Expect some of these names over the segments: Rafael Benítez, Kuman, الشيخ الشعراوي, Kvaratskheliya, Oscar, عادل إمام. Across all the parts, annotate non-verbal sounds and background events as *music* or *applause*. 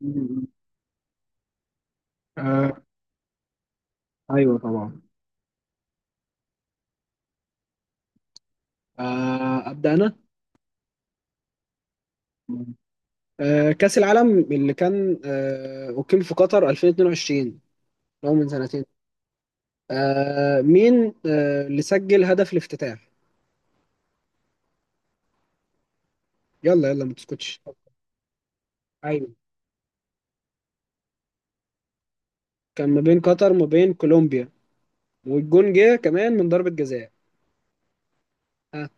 مم. آه، ايوه طبعا. ابدا انا. كأس العالم اللي كان أقيم في قطر 2022، اللي هو من سنتين. مين اللي سجل هدف الافتتاح؟ يلا يلا، ما تسكتش. ايوه. كان ما بين قطر وما بين كولومبيا، والجون جه كمان من ضربة جزاء. ها،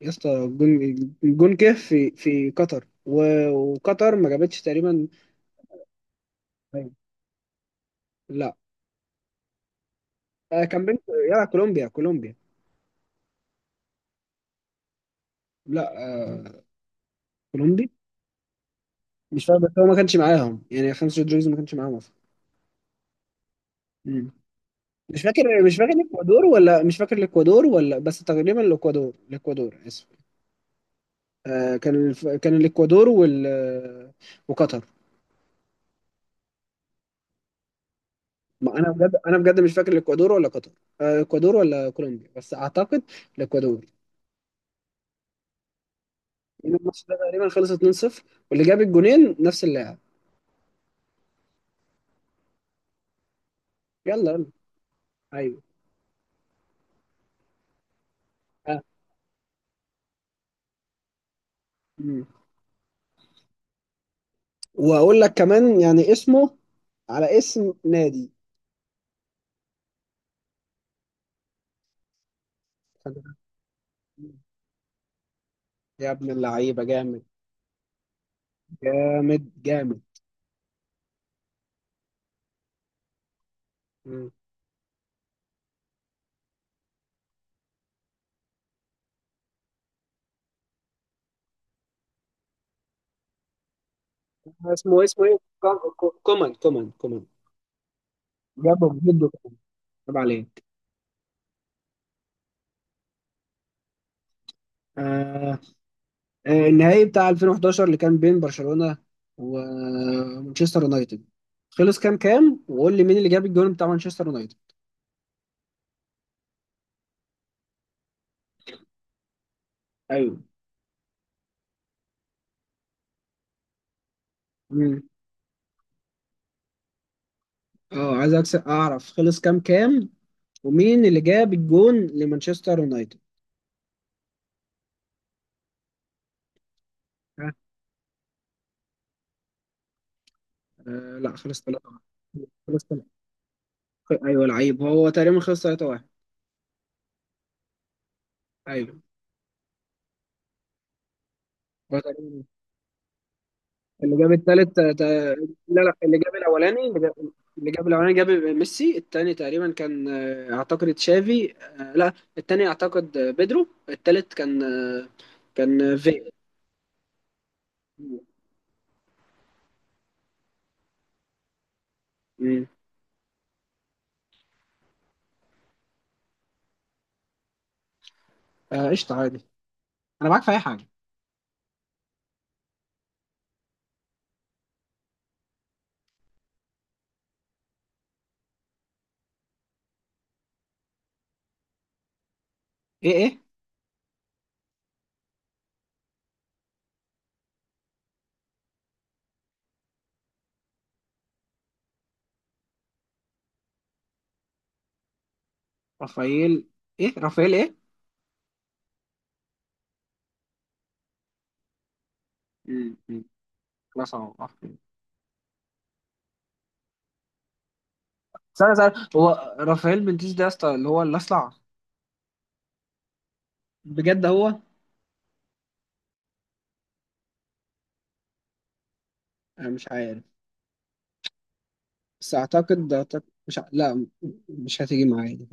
يا اسطى الجون. الجون جه في قطر، وقطر ما جابتش تقريبا. أيوة. لا، كان بين. يلا كولومبيا كولومبيا. لا، كولومبيا. مش فاهم، بس هو ما كانش معاهم يعني خمسة رودريجز ما كانش معاهم اصلا. مم. مش فاكر الاكوادور ولا، مش فاكر الاكوادور ولا، بس تقريبا الاكوادور الاكوادور، اسف. كان الاكوادور وال، وقطر. ما انا بجد، انا بجد مش فاكر الاكوادور ولا قطر. الاكوادور ولا كولومبيا، بس اعتقد الاكوادور. لأن الماتش ده تقريبا خلص 2-0، واللي جاب الجونين نفس اللاعب. يلا يلا. ايوه. آه. مم. واقول لك كمان يعني اسمه على اسم نادي. يا ابن اللعيبه، جامد جامد جامد. مم. اسمه اسمه ايه؟ كومان كومان كومان. جابه بجد، وكومان. طب عليك. آه. النهائي بتاع 2011 اللي كان بين برشلونة ومانشستر يونايتد، خلص كام كام؟ وقول لي مين اللي جاب الجون بتاع مانشستر يونايتد. ايوه. مم. اه، عايز اعرف خلص كام كام، ومين اللي جاب الجون لمانشستر يونايتد. ها. آه لا، خلص 3. خلص 3. ايوه، لعيب. هو تقريبا خلص 3-1. ايوه. هو تقريبا اللي جاب التالت لا لا، اللي جاب الاولاني، اللي جاب الاولاني جاب ميسي. التاني تقريبا كان اعتقد تشافي. لا، التاني اعتقد بيدرو. التالت كان في. مم. قشطة عادي، انا معاك في اي حاجة. ايه ايه؟ رافائيل ايه؟ رافائيل ايه؟ مم، مم. خلاص اهو رافائيل. استنى استنى، هو رافائيل بنتيس ده يا اسطى اللي هو اللي اصلع؟ بجد هو؟ انا مش عارف، بس اعتقد اعتقد مش ع... لا، مش هتيجي معايا دي.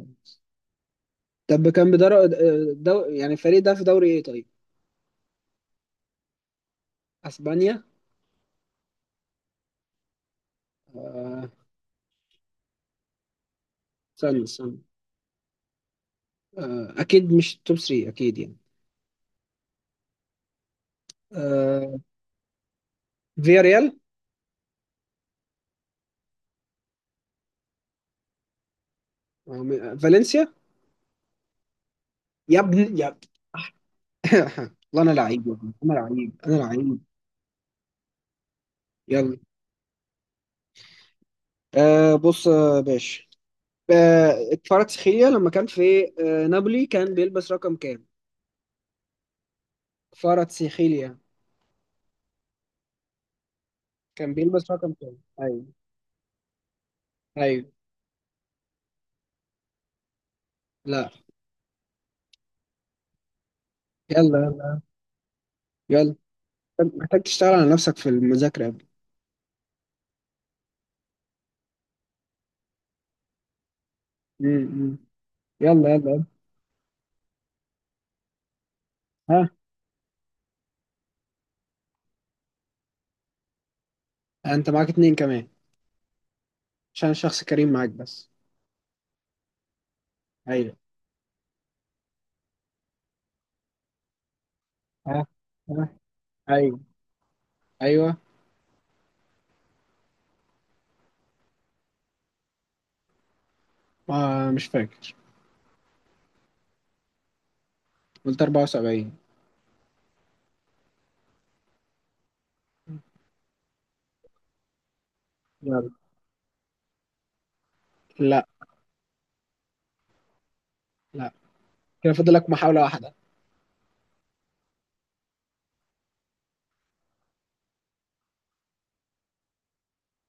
طب كان يعني الفريق ده في دوري ايه طيب؟ اسبانيا؟ آه، استنى استنى. اكيد مش توب 3 اكيد يعني. آه، فيا ريال. فالنسيا. يا ابن يا. أها. والله انا لعيب يا ابني، انا لعيب، انا لعيب. يلا. بص يا باشا. كفاراتسخيليا لما كان في نابولي، كان بيلبس رقم كام؟ كفاراتسخيليا كان بيلبس رقم كام؟ ايوه. ايوه. لا. يلا يلا يلا. محتاج تشتغل على نفسك في المذاكرة يا ابني. مم، مم. يلا يلا يلا. ها. انت معاك اتنين كمان، عشان شخص كريم معاك بس. ايوه. ها. ها. ايوه. ايوه. مش فاكر. قلت 74. يلا. لا لا، كده فاضل لك محاولة واحدة.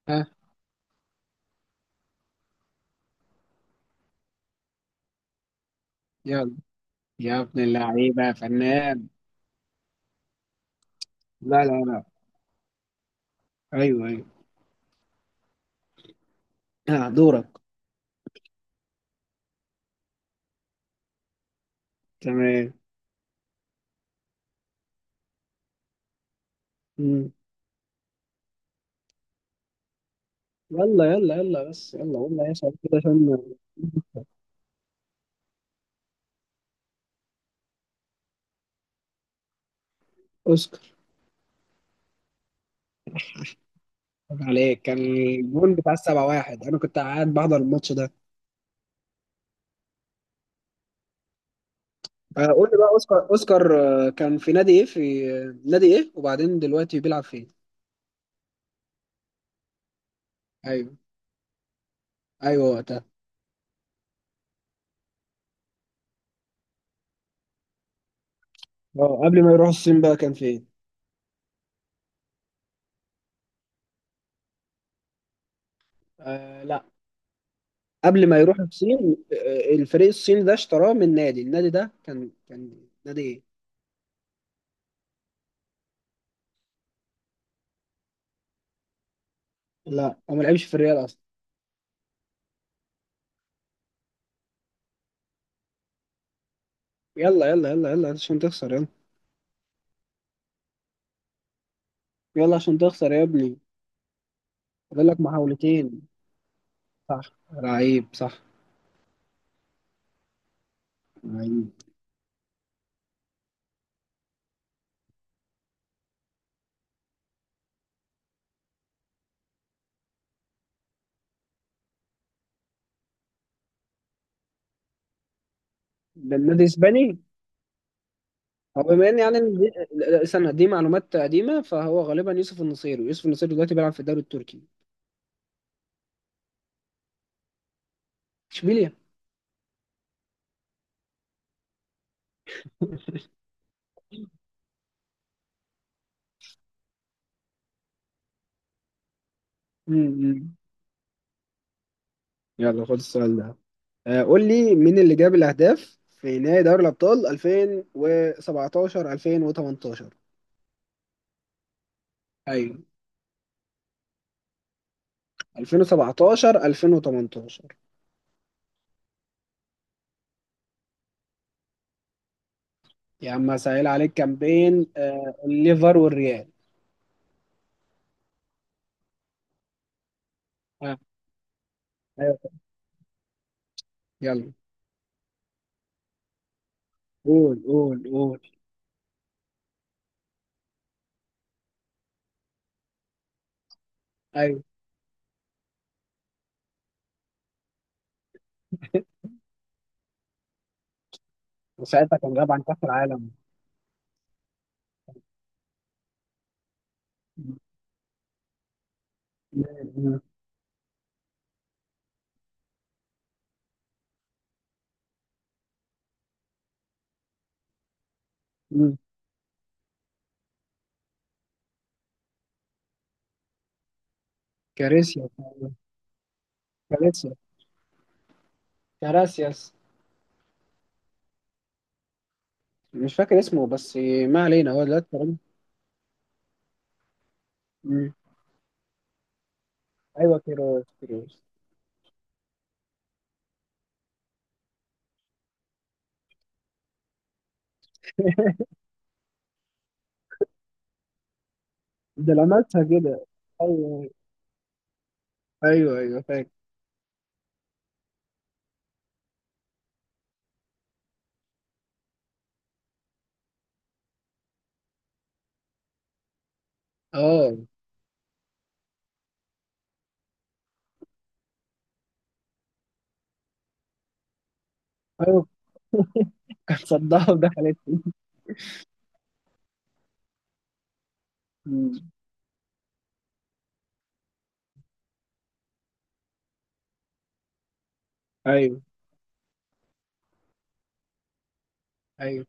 ها. يلا. يا ابن اللعيبة يا فنان. لا لا لا. ايوه ايوه. ها دورك. تمام. مم. يلا يلا يلا، بس يلا قلنا يا شباب كده عشان. اوسكار. عيب عليك، كان الجون بتاع السبعة واحد، انا كنت قاعد بحضر الماتش ده. قول لي بقى، اوسكار اوسكار كان في نادي ايه؟ في آه، نادي ايه؟ وبعدين دلوقتي بيلعب فين؟ ايوه. ايوه وقتها. اه، قبل ما يروح الصين بقى كان فين؟ آه لا. قبل ما يروح الصين، الفريق الصيني ده اشتراه من نادي، النادي ده كان نادي ايه؟ لا، هو ما لعبش في الريال اصلا. يلا يلا يلا يلا عشان تخسر يلا. يلا عشان تخسر يا ابني. فاضل لك محاولتين. صح. لعيب صح. لعيب. ده النادي اسباني؟ هو بما ان يعني إن دي، لا، استنى، دي معلومات قديمه، فهو غالبا يوسف النصيري، ويوسف النصيري دلوقتي بيلعب في الدوري التركي. اشبيليا. امم يلا خد السؤال ده. قول لي مين اللي جاب الاهداف في نهائي دوري الابطال 2017 2018. ايوه، 2017 2018. يا عم سهل عليك، كام بين الليفر والريال. آه، ايوه. يلا، قول قول قول. ايوه، وساعتها كان غاب عن كاس العالم. مم. مم. مم. كارثيا كاراسيا كاراسياس. مش فاكر اسمه بس. ما علينا، هو دلوقتي تقريباً- مم. ايوه كيروس كيروس. ده اللي عملتها كده. ايوه. ايوه ايوه فاكر. اه ايوه. *laughs* كانت صدها ودخلت. مم. ايوه ايوه.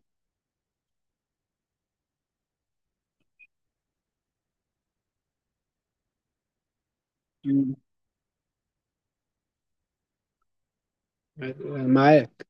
مم. معاك.